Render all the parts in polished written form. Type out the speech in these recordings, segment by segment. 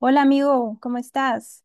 Hola amigo, ¿cómo estás?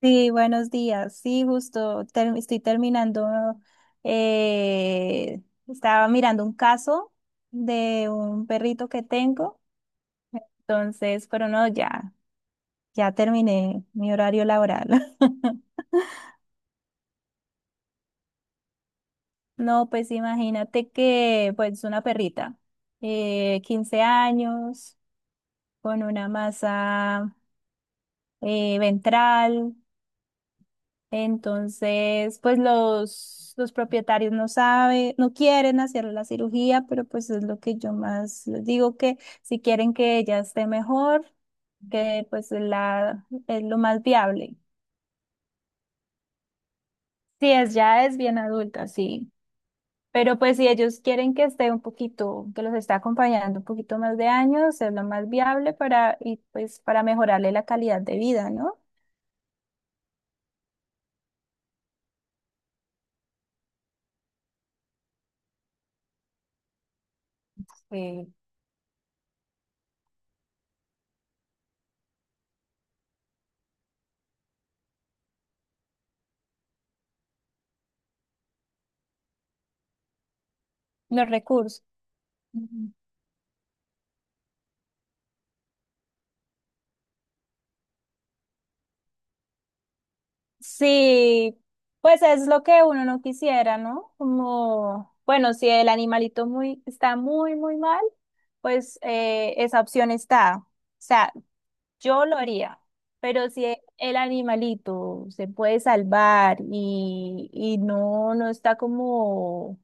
Sí, buenos días. Sí, estoy terminando, eh, estaba mirando un caso de un perrito que tengo. Entonces, pero no, ya terminé mi horario laboral. No, pues imagínate que, pues, una perrita, 15 años, con una masa ventral. Entonces, pues los propietarios no saben, no quieren hacer la cirugía, pero pues es lo que yo más les digo que si quieren que ella esté mejor, es lo más viable. Sí, es, ya es bien adulta, sí. Pero pues si ellos quieren que esté un poquito, que los está acompañando un poquito más de años, es lo más viable para, y pues para mejorarle la calidad de vida, ¿no? Sí. Los recursos. Sí, pues es lo que uno no quisiera, ¿no? Como, bueno, si el animalito muy, está muy, muy mal, pues esa opción está. O sea, yo lo haría, pero si el animalito se puede salvar y no, no está como,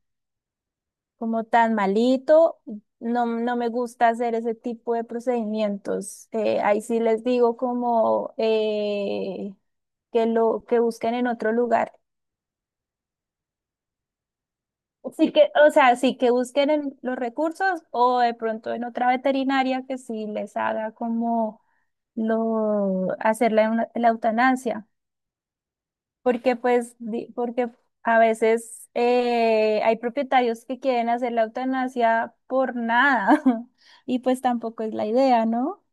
como tan malito, no, no me gusta hacer ese tipo de procedimientos. Ahí sí les digo como que lo que busquen en otro lugar. Sí que, o sea, sí que busquen en los recursos o de pronto en otra veterinaria que sí les haga como lo hacer la, la eutanasia, porque a veces hay propietarios que quieren hacer la eutanasia por nada y pues tampoco es la idea, ¿no?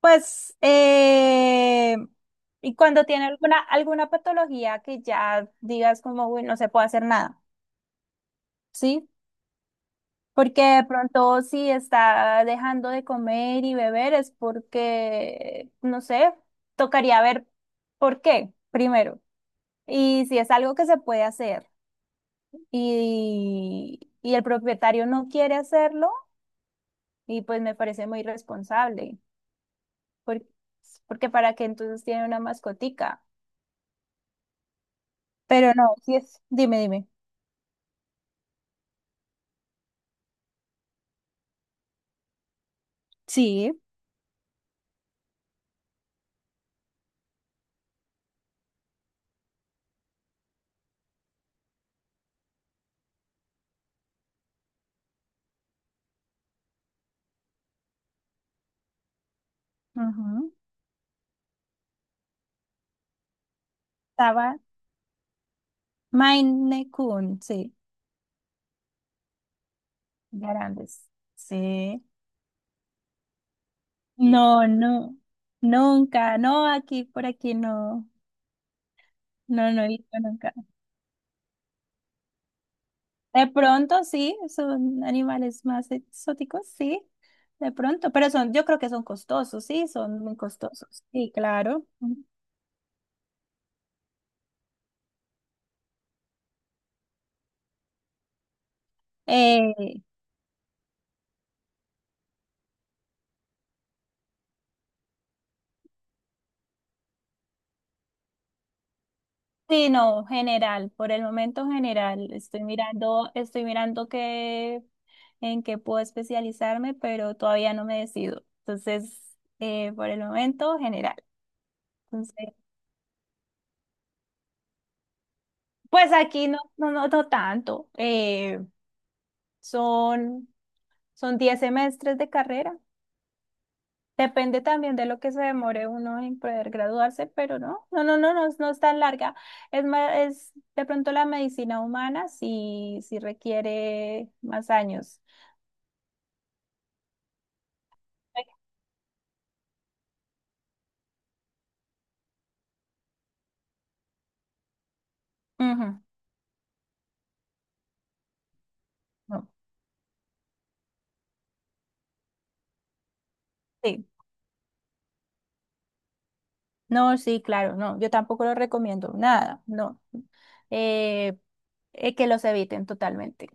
Pues y cuando tiene alguna patología que ya digas como, uy, no se puede hacer nada, ¿sí? Porque de pronto si está dejando de comer y beber es porque, no sé, tocaría ver por qué primero. Y si es algo que se puede hacer y el propietario no quiere hacerlo, y pues me parece muy irresponsable, por- porque para qué entonces tiene una mascotica. Pero no, si es, dime, dime. Sí. Ujú. Estaba Maine Coon, sí, grandes. Sí. No, no, nunca, no, aquí, por aquí no, no, no he visto nunca. De pronto sí, son animales más exóticos, sí, de pronto, pero son, yo creo que son costosos, sí, son muy costosos, sí, claro. Ujú. Eh, sí, no, general, por el momento general, estoy mirando qué, en qué puedo especializarme, pero todavía no me decido. Entonces, por el momento general. Entonces, pues aquí no, no, no, no tanto. Son, son 10 semestres de carrera. Depende también de lo que se demore uno en poder graduarse, pero no, no, no, no, no, es no es tan larga. Es más, es de pronto la medicina humana sí, sí requiere más años. Ujú. No, sí, no, sí, claro, no, yo tampoco lo recomiendo, nada, no. Eh, que los eviten totalmente.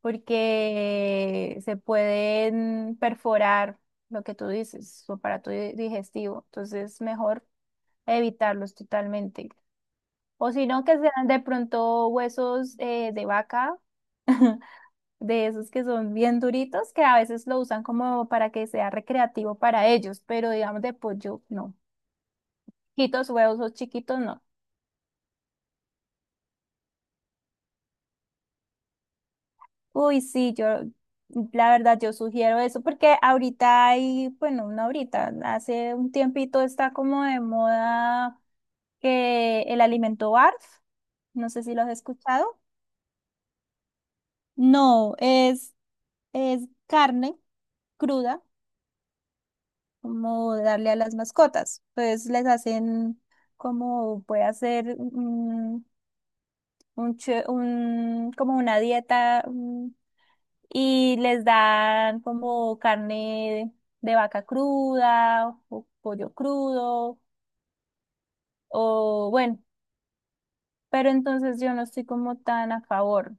Porque se pueden perforar lo que tú dices, su digestivo. Entonces, mejor evitarlos totalmente. O si no, que sean de pronto huesos de vaca, de esos que son bien duritos, que a veces lo usan como para que sea recreativo para ellos, pero digamos de pollo, no. Chiquitos, huesos chiquitos, no. Uy, sí, yo, la verdad, yo sugiero eso, porque ahorita hay, bueno, no ahorita, hace un tiempito está como de moda que el alimento BARF, no sé si lo has escuchado. No, es carne cruda, como darle a las mascotas. Pues les hacen como puede hacer como una dieta, y les dan como carne de vaca cruda o pollo crudo o bueno, pero entonces yo no estoy como tan a favor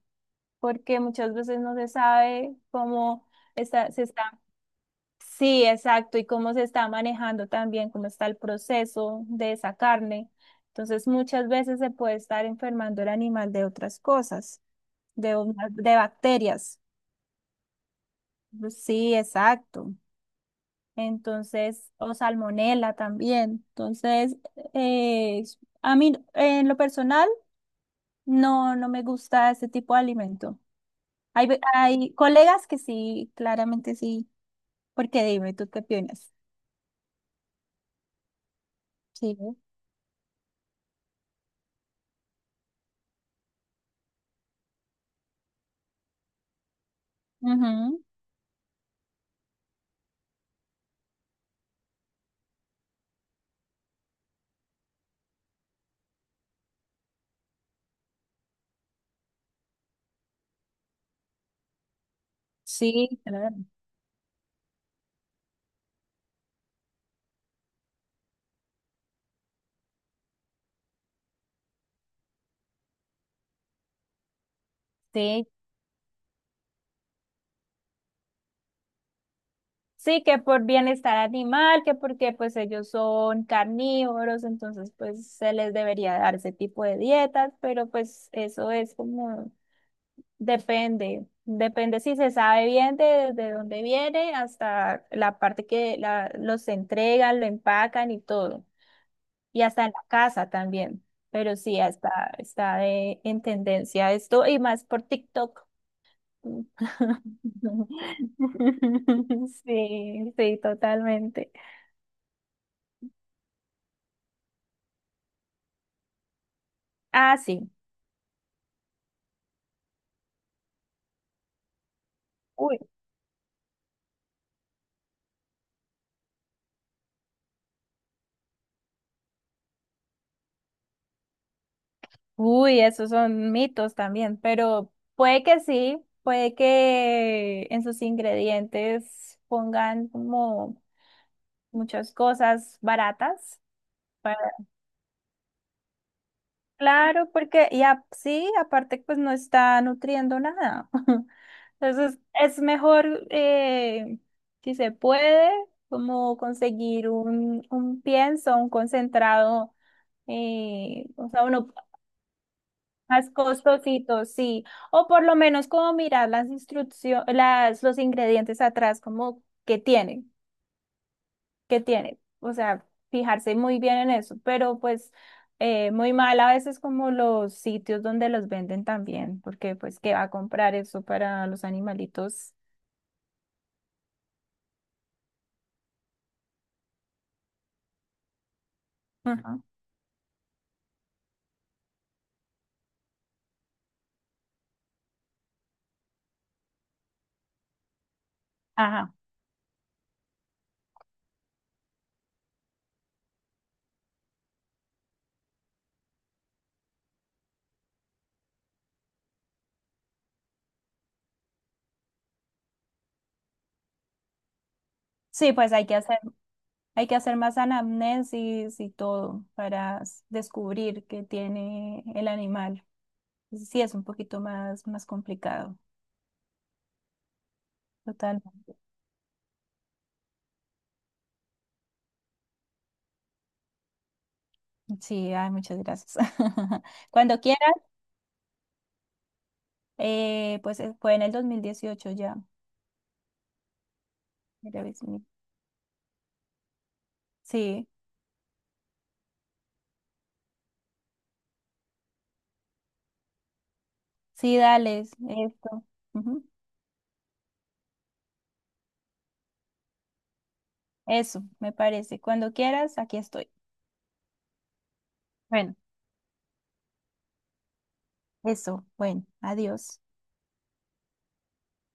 porque muchas veces no se sabe cómo está, se está, sí, exacto, y cómo se está manejando también, cómo está el proceso de esa carne. Entonces muchas veces se puede estar enfermando el animal de otras cosas, de bacterias. Sí, exacto. Entonces, o salmonela también. Entonces, eh, a mí en lo personal no, no me gusta ese tipo de alimento. Hay colegas que sí, claramente sí, porque dime, ¿tú qué opinas? Sí. Ujú. Sí, claro. Sí, sí, que por bienestar animal, que porque pues ellos son carnívoros, entonces pues se les debería dar ese tipo de dietas, pero pues eso es como depende, depende si se sabe bien de dónde viene hasta la parte que los entregan, lo empacan y todo. Y hasta en la casa también. Pero sí, en tendencia esto y más por TikTok. Sí, sí, totalmente. Ah, sí. uy Uy, esos son mitos también, pero puede que sí, puede que en sus ingredientes pongan como muchas cosas baratas. para- Claro, porque sí, aparte pues no está nutriendo nada. Entonces es mejor, si se puede, como conseguir un pienso, un concentrado, o sea, uno. Más costositos, sí. O por lo menos como mirar las instrucciones, los ingredientes atrás, como qué tienen, qué tienen. O sea, fijarse muy bien en eso. Pero pues muy mal a veces como los sitios donde los venden también, porque pues qué va a comprar eso para los animalitos. Ujú. Ajá. Sí, pues hay que hacer más anamnesis y todo para descubrir qué tiene el animal. Sí, es un poquito más, más complicado. Totalmente. Sí, ay, muchas gracias. Cuando quieras, fue en el 2018 ya. Era vez mi- Sí, sí, dale esto. Ujú. Eso, me parece. Cuando quieras, aquí estoy. Bueno, eso. Bueno, adiós.